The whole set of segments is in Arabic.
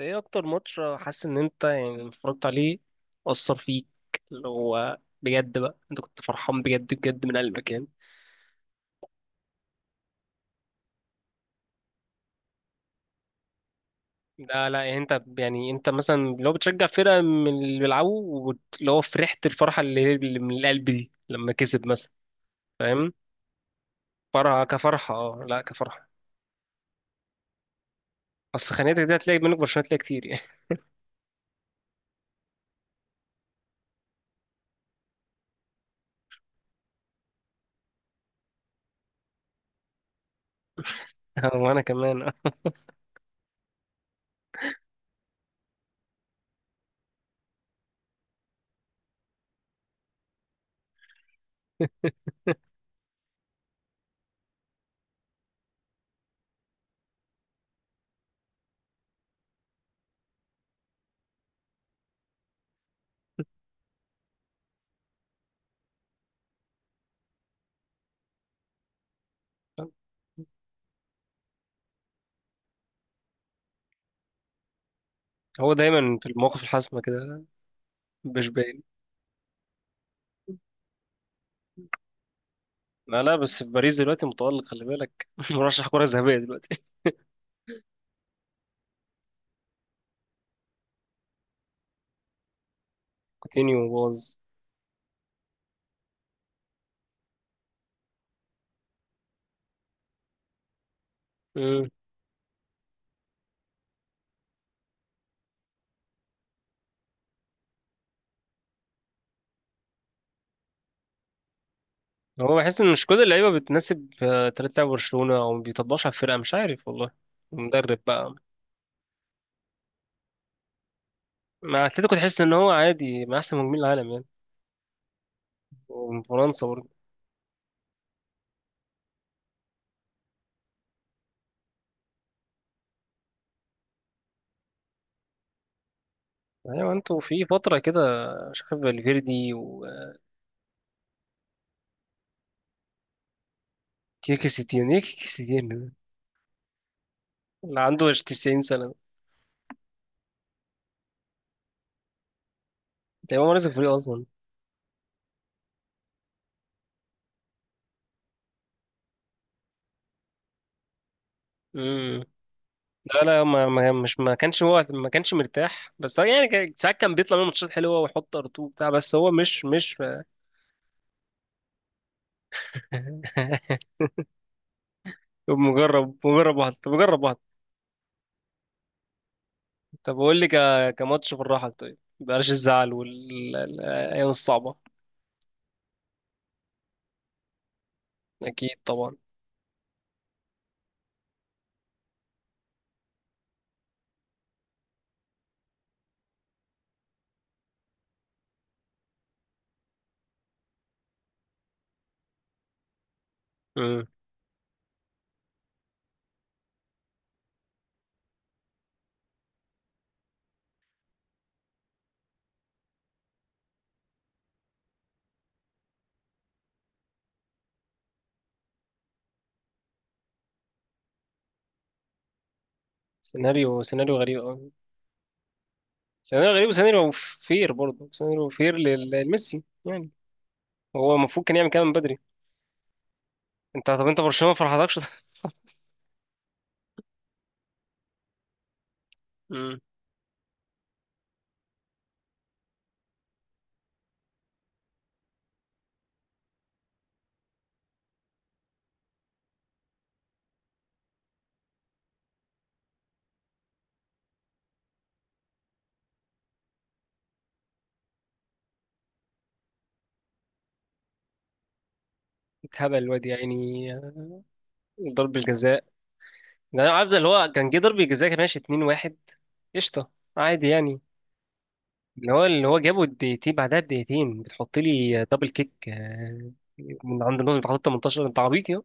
ايه اكتر ماتش حاسس ان انت لما اتفرجت عليه اثر فيك؟ اللي هو بجد بقى انت كنت فرحان بجد بجد من قلبك يعني. لا، يعني انت، يعني انت مثلا لو بتشجع فرقه من اللي بيلعبوا اللي هو فرحت الفرحه اللي من القلب دي لما كسب مثلا. فاهم؟ فرحه كفرحه، اه لا، كفرحه. اصل خاناتك دي هتلاقي منك برشلونه هتلاقي كتير يعني. وانا كمان آه. هو دايما في المواقف الحاسمه كده، مش باين. لا، بس في باريس دلوقتي متألق، خلي بالك، مرشح كره ذهبيه دلوقتي. كوتينيو باظ. مم. هو بحس ان مش كل اللعيبه بتناسب طريقه لعب برشلونه، او ما بيطبقش على الفرقه، مش عارف والله. المدرب بقى. مع اتلتيكو تحس ان هو عادي مع احسن مهاجمين العالم يعني. ومن فرنسا برضه. ايوه انتوا في فتره كده مش عارف فالفيردي وتيكي ستين، ايه تيكي ستين ده؟ اللي عنده 90 سنه ده؟ تقريبا هو نازل الفريق اصلا. امم. لا، ما كانش هو ما كانش مرتاح، بس هو يعني ساعات كان بيطلع منه ماتشات حلوه ويحط ار2 بتاع، بس هو مش. طب مجرب واحد. طب قول لي كماتش بالراحة، طيب، بلاش الزعل والأيام الصعبة. أكيد طبعا. مم. سيناريو غريب أوي. سيناريو غريب وسيناريو فير برضه، سيناريو فير لميسي يعني. هو المفروض كان يعمل كده من بدري. انت طب انت برشلونة ما فرحتكش؟ مم. اتهبل الواد يا عيني آه، ضرب الجزاء. ده انا عارف ده، اللي هو كان جه ضرب الجزاء كان ماشي 2-1، قشطة، عادي يعني. اللي هو جابه الدقيقتين، بعدها بدقيقتين بتحط لي دبل كيك آه، من عند النص بتحط 18، انت عبيط يا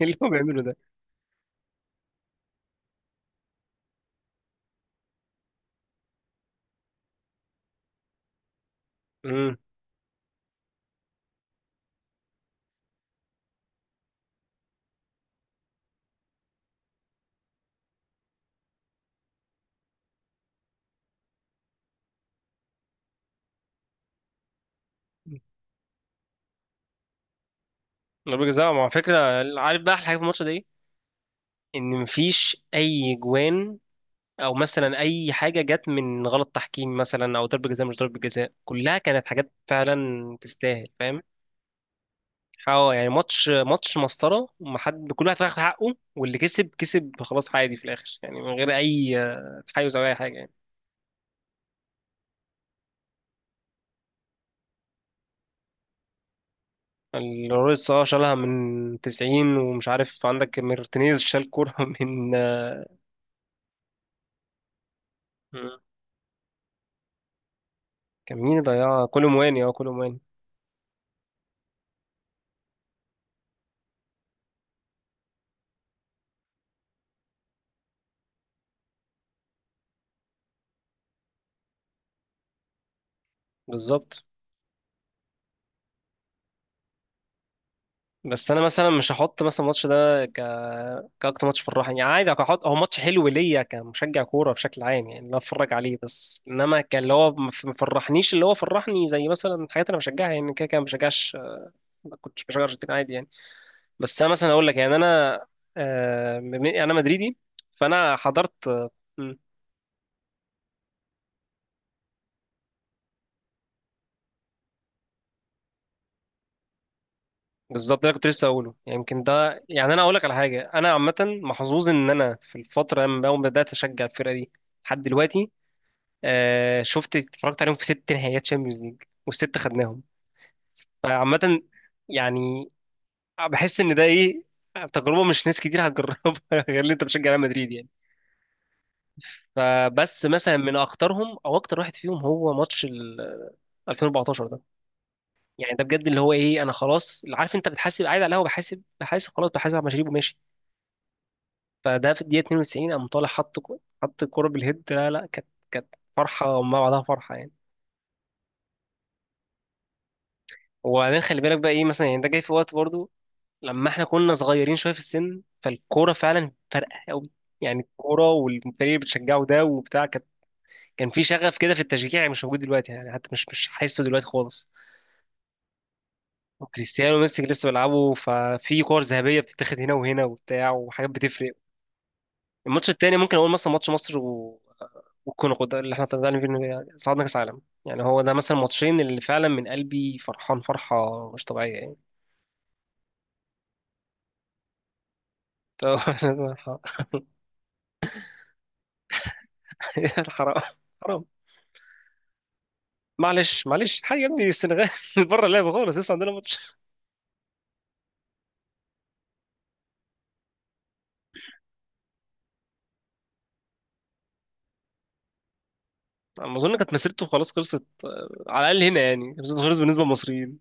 ايه اللي هو بيعمله ده؟ امم. ضربة جزاء، مع فكرة، عارف بقى احلى حاجة في الماتش ده ايه؟ ان مفيش اي جوان او مثلا اي حاجة جت من غلط تحكيم مثلا، او ضربة جزاء مش ضربة جزاء، كلها كانت حاجات فعلا تستاهل، فاهم؟ اه، يعني ماتش مسطرة، ومحد، كل واحد واخد حقه، واللي كسب كسب، خلاص، عادي في الاخر يعني، من غير اي تحيز او اي حاجة. الرويس، اه، شالها من 90، ومش عارف عندك مارتينيز شال كورة من. مم. كان مين اللي ضيعها؟ كولو مواني، اه، كولو مواني. بالظبط. بس انا مثلا مش هحط مثلا الماتش ده ك كاكتر ماتش فرحني يعني. عادي، هحط هو ماتش حلو ليا كمشجع كوره بشكل عام يعني، لا اتفرج عليه، بس انما كان اللي هو ما فرحنيش اللي هو فرحني زي مثلا الحاجات اللي انا بشجعها، يعني كده كده ما بشجعش. ما كنتش بشجع ارجنتين عادي يعني. بس انا مثلا اقول لك يعني انا انا مدريدي، فانا حضرت بالظبط. ده كنت لسه اقوله يعني. يمكن ده يعني، انا اقول لك على حاجه، انا عامه محظوظ ان انا في الفتره لما اول ما بدات اشجع الفرقه دي لحد دلوقتي، آه، شفت اتفرجت عليهم في ست نهائيات شامبيونز ليج، والست خدناهم. فعامه يعني بحس ان ده ايه، تجربه مش ناس كتير هتجربها، غير اللي انت بتشجع ريال مدريد يعني. فبس مثلا من اكترهم او اكتر واحد فيهم هو ماتش ال 2014 ده. يعني ده بجد اللي هو ايه، انا خلاص، عارف انت بتحاسب قاعد على القهوه، بحاسب على مشاريب وماشي، فده في الدقيقة 92 قام طالع حط حط الكورة بالهيد. لا، كانت، كانت فرحة ما بعدها فرحة يعني. وبعدين خلي بالك بقى ايه مثلا، يعني ده جاي في وقت برضو لما احنا كنا صغيرين شوية في السن، فالكورة فعلا فارقة قوي يعني. الكورة والفريق اللي بتشجعه ده وبتاع، كان كان في شغف كده في التشجيع يعني مش موجود دلوقتي، يعني حتى مش حاسه دلوقتي خالص. وكريستيانو وميسي لسه بيلعبوا، ففي كور ذهبية بتتاخد هنا وهنا وبتاع، وحاجات بتفرق. الماتش التاني ممكن اقول مثلا ماتش مصر والكونغو ده اللي احنا طلعنا فيه، إنه صعدنا كاس عالم يعني. هو ده مثلا ماتشين اللي فعلا من قلبي فرحان فرحه مش طبيعيه يعني. حرام، حرام. معلش معلش، حاجه يا ابني السنغال بره اللعبه خالص، لسه عندنا ماتش. ما اظن كانت مسيرته خلاص خلصت آه، على الاقل هنا يعني، كانت مسيرته خلصت بالنسبه للمصريين.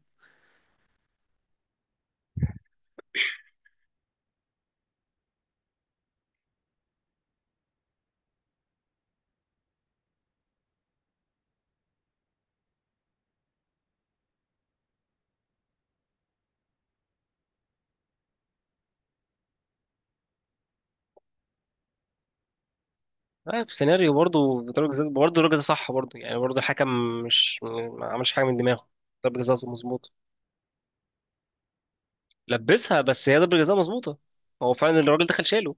آه، في سيناريو برضه ضربة جزاء، برضه الراجل ده صح برضه يعني، برضه الحكم مش ما عملش حاجه من دماغه. ضربة جزاء مظبوط، لبسها، بس هي ضربة جزاء مظبوطة. هو فعلا الراجل دخل شاله.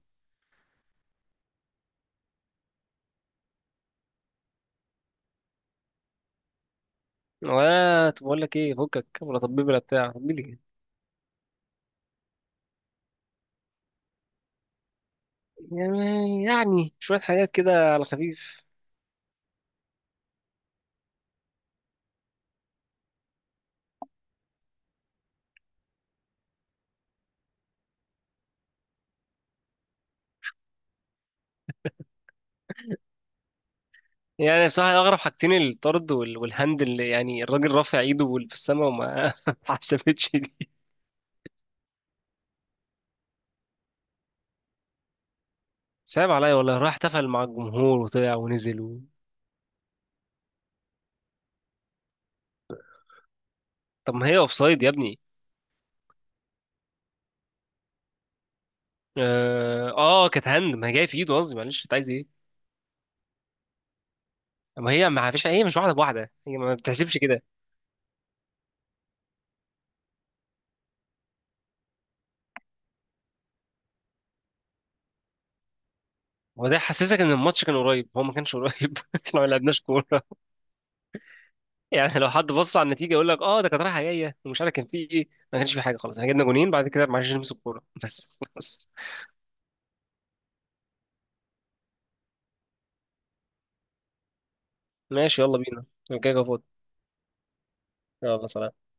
ولا طب بقول لك ايه، فكك ولا طبيب ولا بتاع مين. يعني يعني شوية حاجات كده على خفيف يعني. بصراحة أغرب حاجتين الطرد والهند اللي يعني الراجل رافع إيده في السماء وما ما حسبتش دي. صعب عليا والله، راح احتفل مع الجمهور وطلع ونزل طب ما هي أوفسايد يا ابني. آه, كانت هند، ما هي جاية في إيده، قصدي معلش، أنت عايز إيه؟ ما هي ما فيش، هي مش واحدة بواحدة، هي ما بتحسبش كده. هو ده حسسك ان الماتش كان قريب؟ هو ما كانش قريب، احنا ما لعبناش كوره. يعني لو حد بص على النتيجه يقول لك اه، ده كانت رايحه جايه ومش عارف كان فيه ايه، ما كانش فيه حاجه خالص، احنا جبنا جونين بعد كده ما عرفناش نمسك الكوره بس، خلاص. ماشي يلا بينا، انا كده كده فاضي. يلا سلام.